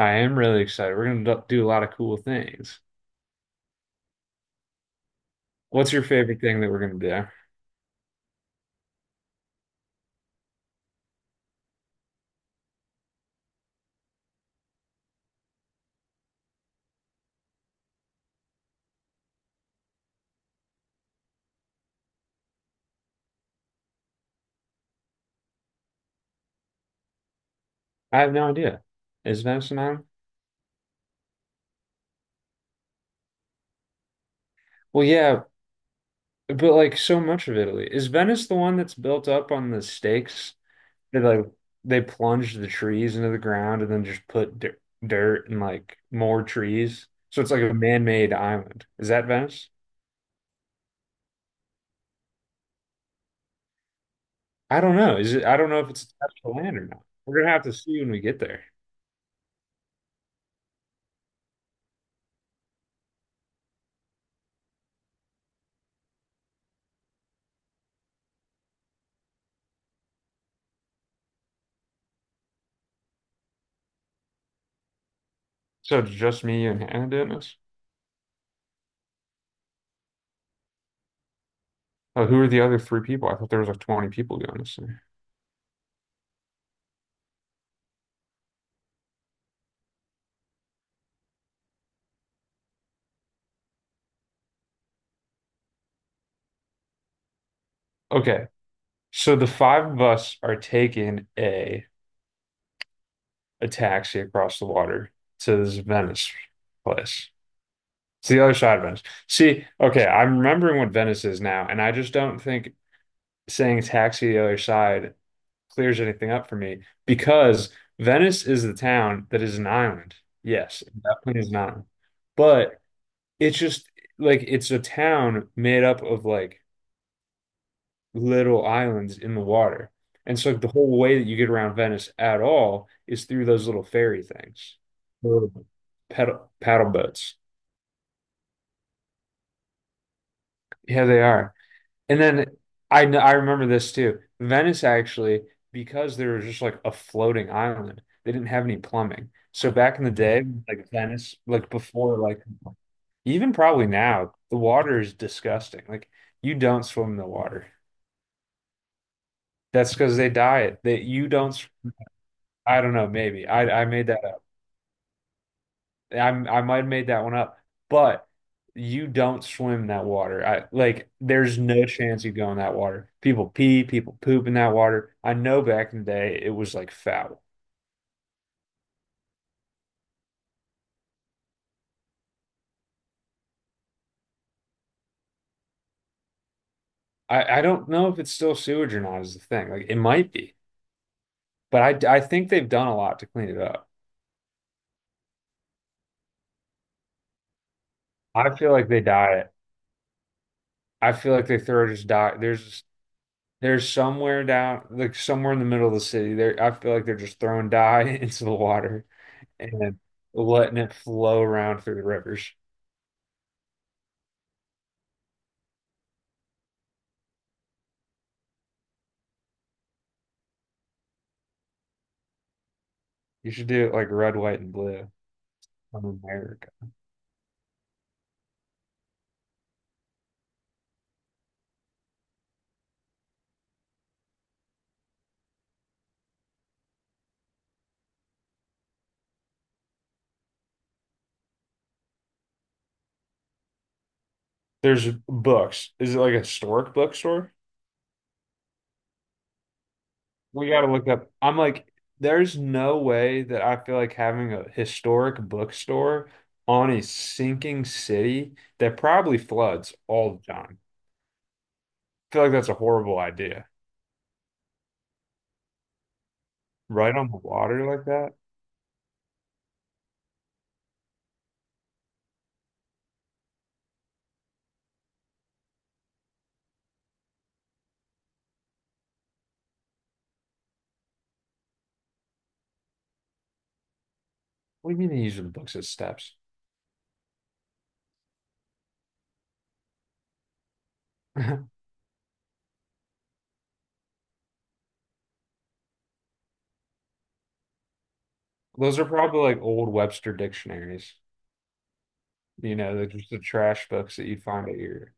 I am really excited. We're gonna do a lot of cool things. What's your favorite thing that we're gonna do? I have no idea. Is Venice an island? Well, yeah, but like so much of Italy. Is Venice the one that's built up on the stakes that like they plunged the trees into the ground and then just put dirt and like more trees? So it's like a man-made island. Is that Venice? I don't know. Is it? I don't know if it's attached to land or not. We're gonna have to see when we get there. So it's just me, you, and Hannah doing this? Oh, who are the other three people? I thought there was like 20 people going this thing. Okay. So the five of us are taking a taxi across the water to this Venice place. It's the other side of Venice. See, okay, I'm remembering what Venice is now, and I just don't think saying taxi the other side clears anything up for me because Venice is the town that is an island. Yes, it definitely is not. But it's just like it's a town made up of like little islands in the water. And so like, the whole way that you get around Venice at all is through those little ferry things. Little paddle boats. Yeah, they are. And then I remember this too. Venice actually, because they were just like a floating island, they didn't have any plumbing. So back in the day, like Venice, like before, like even probably now, the water is disgusting. Like you don't swim in the water. That's because they diet. That you don't. I don't know. Maybe I made that. I might have made that one up, but you don't swim in that water. I like there's no chance you go in that water. People pee, people poop in that water. I know back in the day it was like foul. I don't know if it's still sewage or not is the thing. Like it might be, but I think they've done a lot to clean it up. I feel like they dye it. I feel like they throw just dye. There's somewhere down like somewhere in the middle of the city there. I feel like they're just throwing dye into the water and letting it flow around through the rivers. You should do it like red, white, and blue on America. There's books. Is it like a historic bookstore? We gotta look up. I'm like, there's no way that I feel like having a historic bookstore on a sinking city that probably floods all the time. I feel like that's a horrible idea. Right on the water like that? What do you mean you use the books as steps? Those are probably like old Webster dictionaries. You know, they're just the trash books that you'd find at your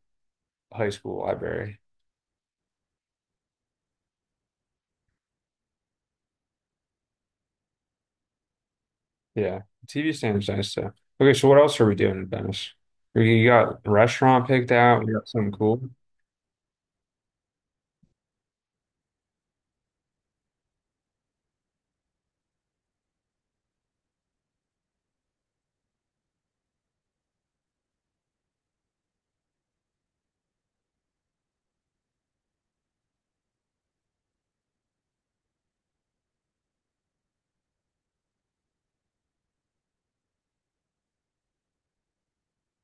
high school library. Yeah, TV stand's nice though. Okay, so what else are we doing in Venice? You got a restaurant picked out. We got something cool.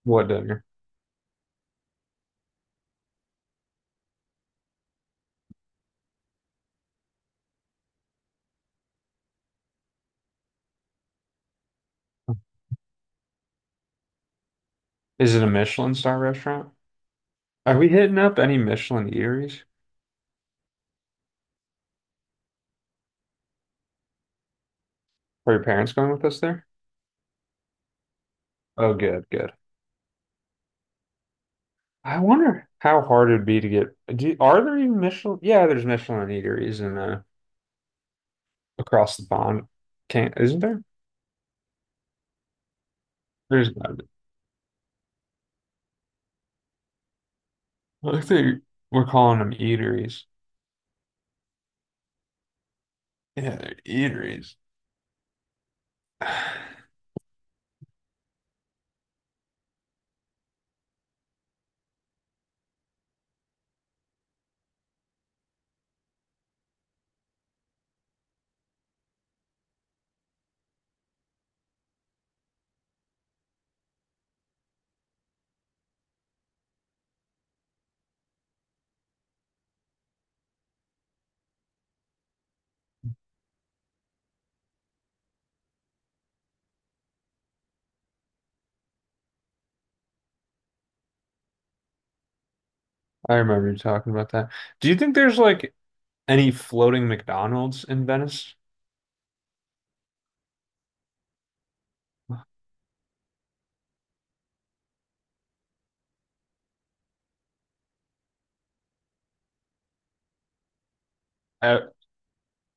What dinner? Is it a Michelin star restaurant? Are we hitting up any Michelin eateries? Are your parents going with us there? Oh, good, good. I wonder how hard it'd be to get. Do, are there even Michelin? Yeah, there's Michelin eateries in across the pond. Can't, isn't there? There's gotta be. I think they we're calling them eateries. Yeah, they're eateries. I remember you talking about that. Do you think there's like any floating McDonald's in Venice? Uh,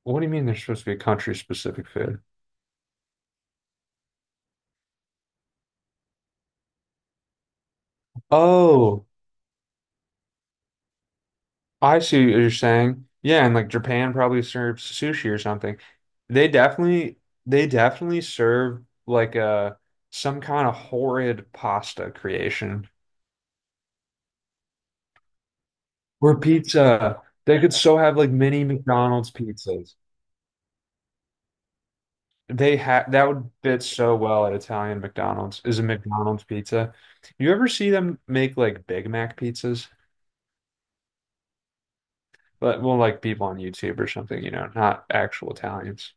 what do you mean there's supposed to be a country-specific food? Oh, I see what you're saying. Yeah, and like Japan probably serves sushi or something. They definitely they definitely serve like a some kind of horrid pasta creation. Or pizza. They could so have like mini McDonald's pizzas. They have that would fit so well at Italian McDonald's is a McDonald's pizza. You ever see them make like Big Mac pizzas? But well, like people on YouTube or something, you know, not actual Italians.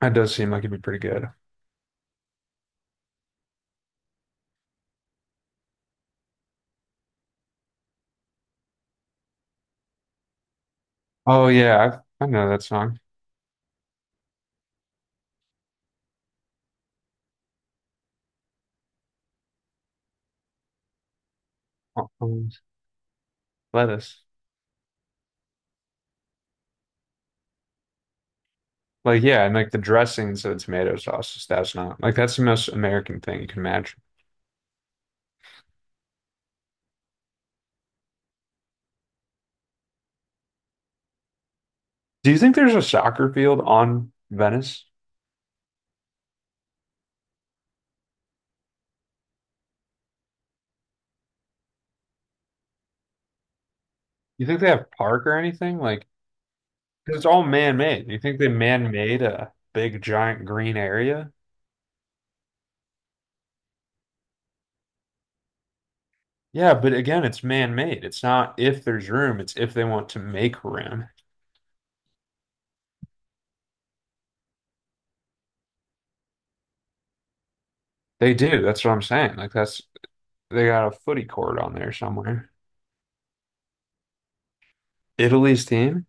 That does seem like it'd be pretty good. Oh yeah, I know that song. Uh, Um, lettuce. Like yeah, and like the dressings of the tomato sauce, that's not like that's the most American thing you can imagine. Do you think there's a soccer field on Venice? You think they have park or anything? Like, 'cause it's all man-made. You think they man-made a big giant green area? Yeah, but again, it's man-made. It's not if there's room, it's if they want to make room. They do. That's what I'm saying. Like that's they got a footy court on there somewhere. Italy's team,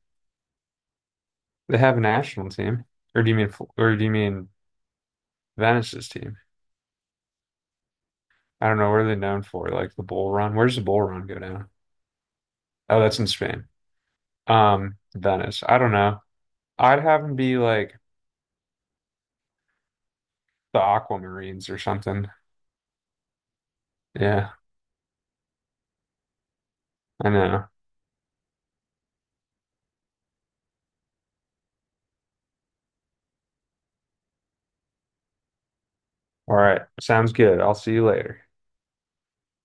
they have a national team. Or do you mean or do you mean Venice's team? I don't know. What are they known for? Like the Bull Run? Where's the Bull Run go down? Oh, that's in Spain. Venice. I don't know. I'd have them be like the Aquamarines or something. Yeah, I know. All right. Sounds good. I'll see you later.